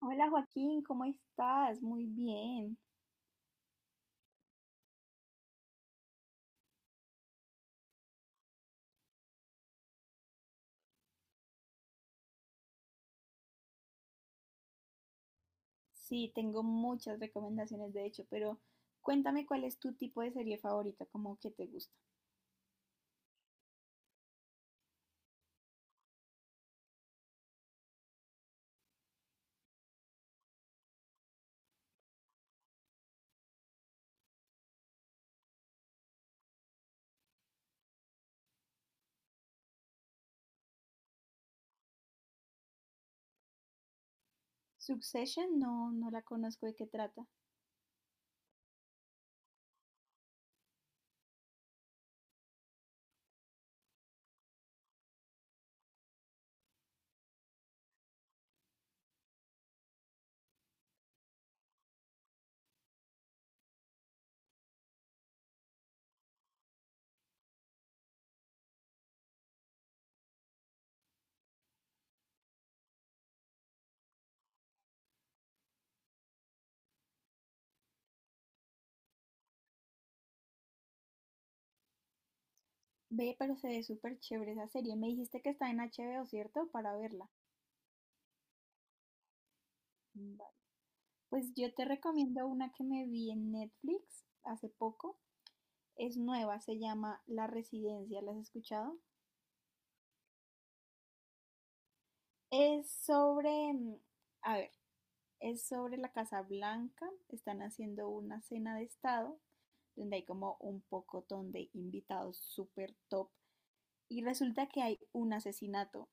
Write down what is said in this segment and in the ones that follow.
Hola Joaquín, ¿cómo estás? Muy bien. Sí, tengo muchas recomendaciones de hecho, pero cuéntame cuál es tu tipo de serie favorita, como que te gusta. Succession, no, no la conozco, ¿de qué trata? Ve, pero se ve súper chévere esa serie. Me dijiste que está en HBO, ¿cierto? Para verla. Vale. Pues yo te recomiendo una que me vi en Netflix hace poco. Es nueva, se llama La Residencia. ¿La has escuchado? Es sobre, a ver, es sobre la Casa Blanca. Están haciendo una cena de estado donde hay como un pocotón de invitados súper top. Y resulta que hay un asesinato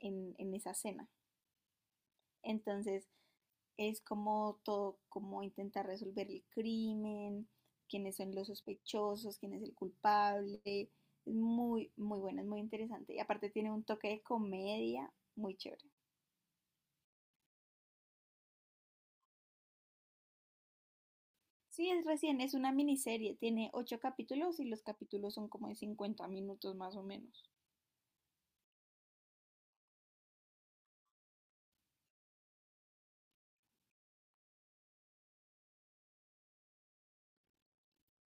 en esa cena. Entonces es como todo, como intentar resolver el crimen, quiénes son los sospechosos, quién es el culpable. Es muy, muy buena, es muy interesante. Y aparte tiene un toque de comedia muy chévere. Sí, es recién, es una miniserie, tiene ocho capítulos y los capítulos son como de 50 minutos más o menos.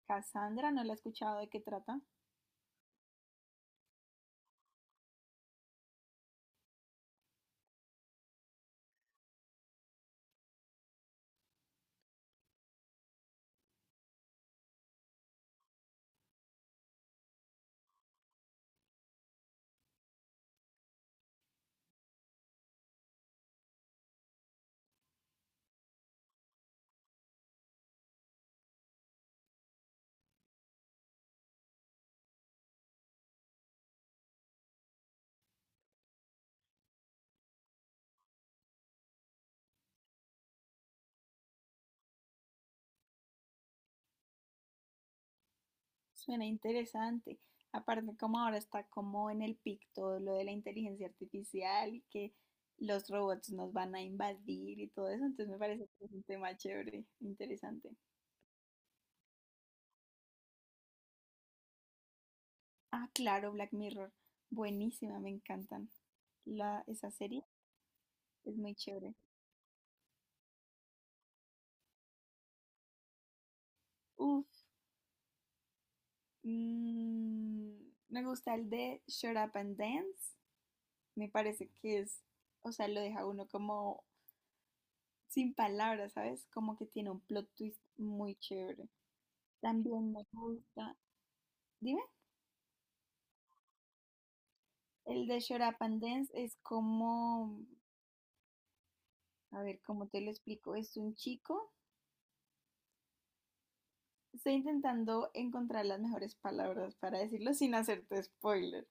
Cassandra, no la he escuchado, ¿de qué trata? Suena interesante. Aparte, como ahora está como en el pic todo lo de la inteligencia artificial y que los robots nos van a invadir y todo eso, entonces me parece que es un tema chévere, interesante. Ah, claro, Black Mirror. Buenísima, me encantan. Esa serie es muy chévere. Uf. Mm, Me gusta el de Shut Up and Dance. Me parece que es, o sea, lo deja uno como sin palabras, ¿sabes? Como que tiene un plot twist muy chévere. También me gusta, dime, el de Shut Up and Dance es como, a ver, ¿cómo te lo explico? Es un chico. Estoy intentando encontrar las mejores palabras para decirlo sin hacerte spoiler.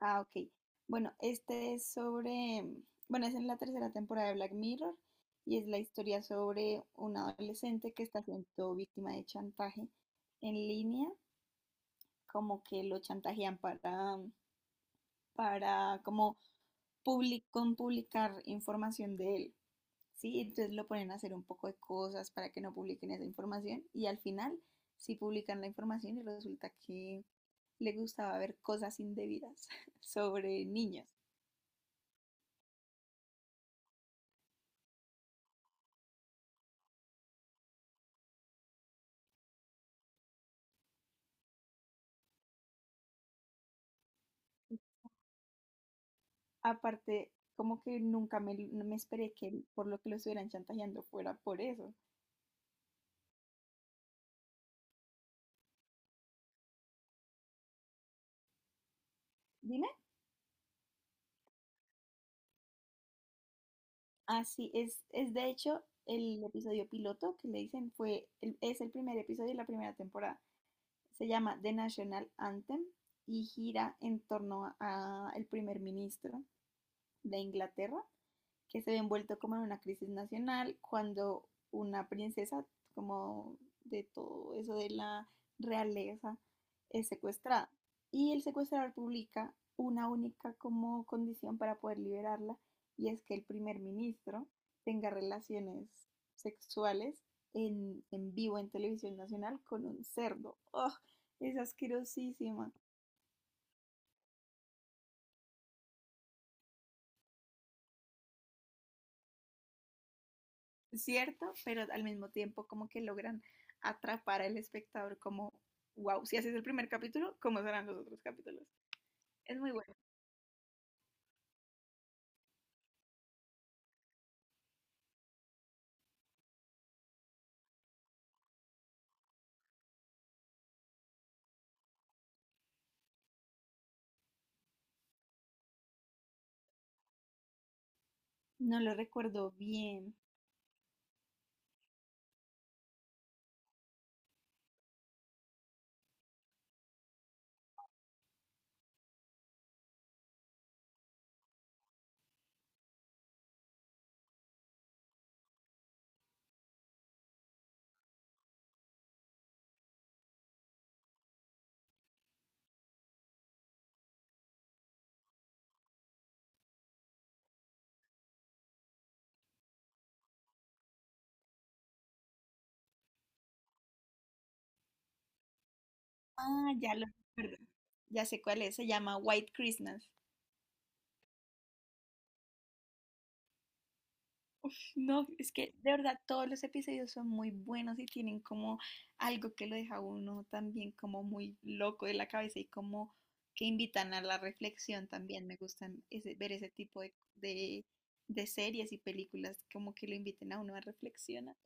Ah, ok. Bueno, este es sobre, bueno, es en la tercera temporada de Black Mirror y es la historia sobre un adolescente que está siendo víctima de chantaje en línea, como que lo chantajean para, para como con publicar información de él, ¿sí? Entonces lo ponen a hacer un poco de cosas para que no publiquen esa información y al final sí publican la información y resulta que le gustaba ver cosas indebidas sobre niños. Aparte, como que nunca me, no me esperé que por lo que lo estuvieran chantajeando fuera por eso. Dime, así es de hecho el episodio piloto que le dicen fue, es el primer episodio de la primera temporada. Se llama The National Anthem y gira en torno al primer ministro de Inglaterra que se ve envuelto como en una crisis nacional cuando una princesa como de todo eso de la realeza es secuestrada y el secuestrador publica una única como condición para poder liberarla y es que el primer ministro tenga relaciones sexuales en vivo en televisión nacional con un cerdo. ¡Oh! Es asquerosísima. Cierto, pero al mismo tiempo como que logran atrapar al espectador como, wow, si haces el primer capítulo, ¿cómo serán los otros capítulos? Es muy bueno. No lo recuerdo bien. Ah, ya lo recuerdo. Ya sé cuál es, se llama White Christmas. No, es que de verdad todos los episodios son muy buenos y tienen como algo que lo deja uno también como muy loco de la cabeza y como que invitan a la reflexión también. Me gustan ver ese tipo de series y películas como que lo inviten a uno a reflexionar.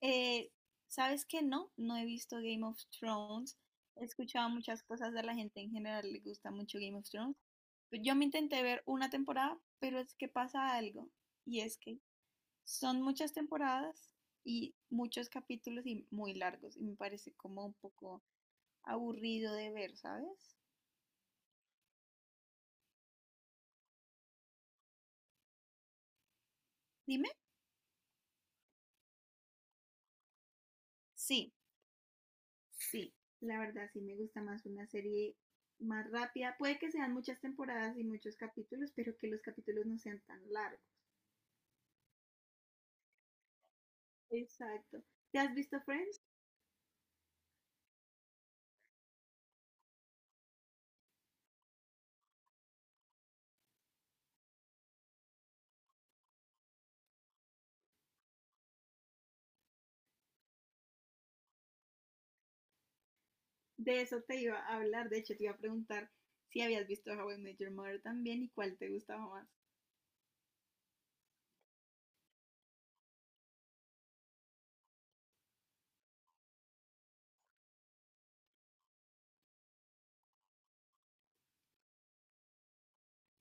Eh, ¿Sabes qué? No, no he visto Game of Thrones. He escuchado muchas cosas de la gente en general, le gusta mucho Game of Thrones. Yo me intenté ver una temporada, pero es que pasa algo y es que son muchas temporadas y muchos capítulos y muy largos. Y me parece como un poco aburrido de ver, ¿sabes? Dime. Sí, sí. La verdad, sí me gusta más una serie más rápida. Puede que sean muchas temporadas y muchos capítulos, pero que los capítulos no sean tan largos. Exacto. ¿Te has visto Friends? De eso te iba a hablar. De hecho, te iba a preguntar si habías visto How I Met Your Mother también y cuál te gustaba más.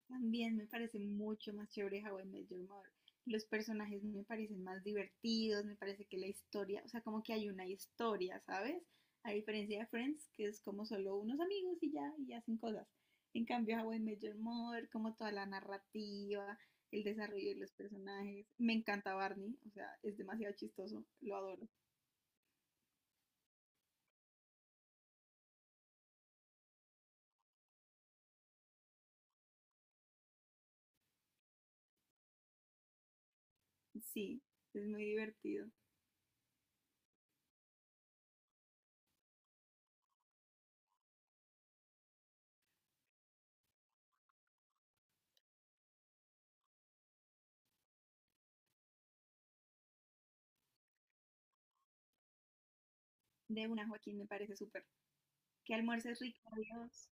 También me parece mucho más chévere How I Met Your Mother. Los personajes me parecen más divertidos, me parece que la historia, o sea, como que hay una historia, ¿sabes? A diferencia de Friends, que es como solo unos amigos y ya, y hacen cosas. En cambio, How I Met Your Mother, como toda la narrativa, el desarrollo de los personajes. Me encanta Barney, o sea, es demasiado chistoso, lo adoro. Sí, es muy divertido. De una, Joaquín, me parece súper. Que almuerces rico, adiós.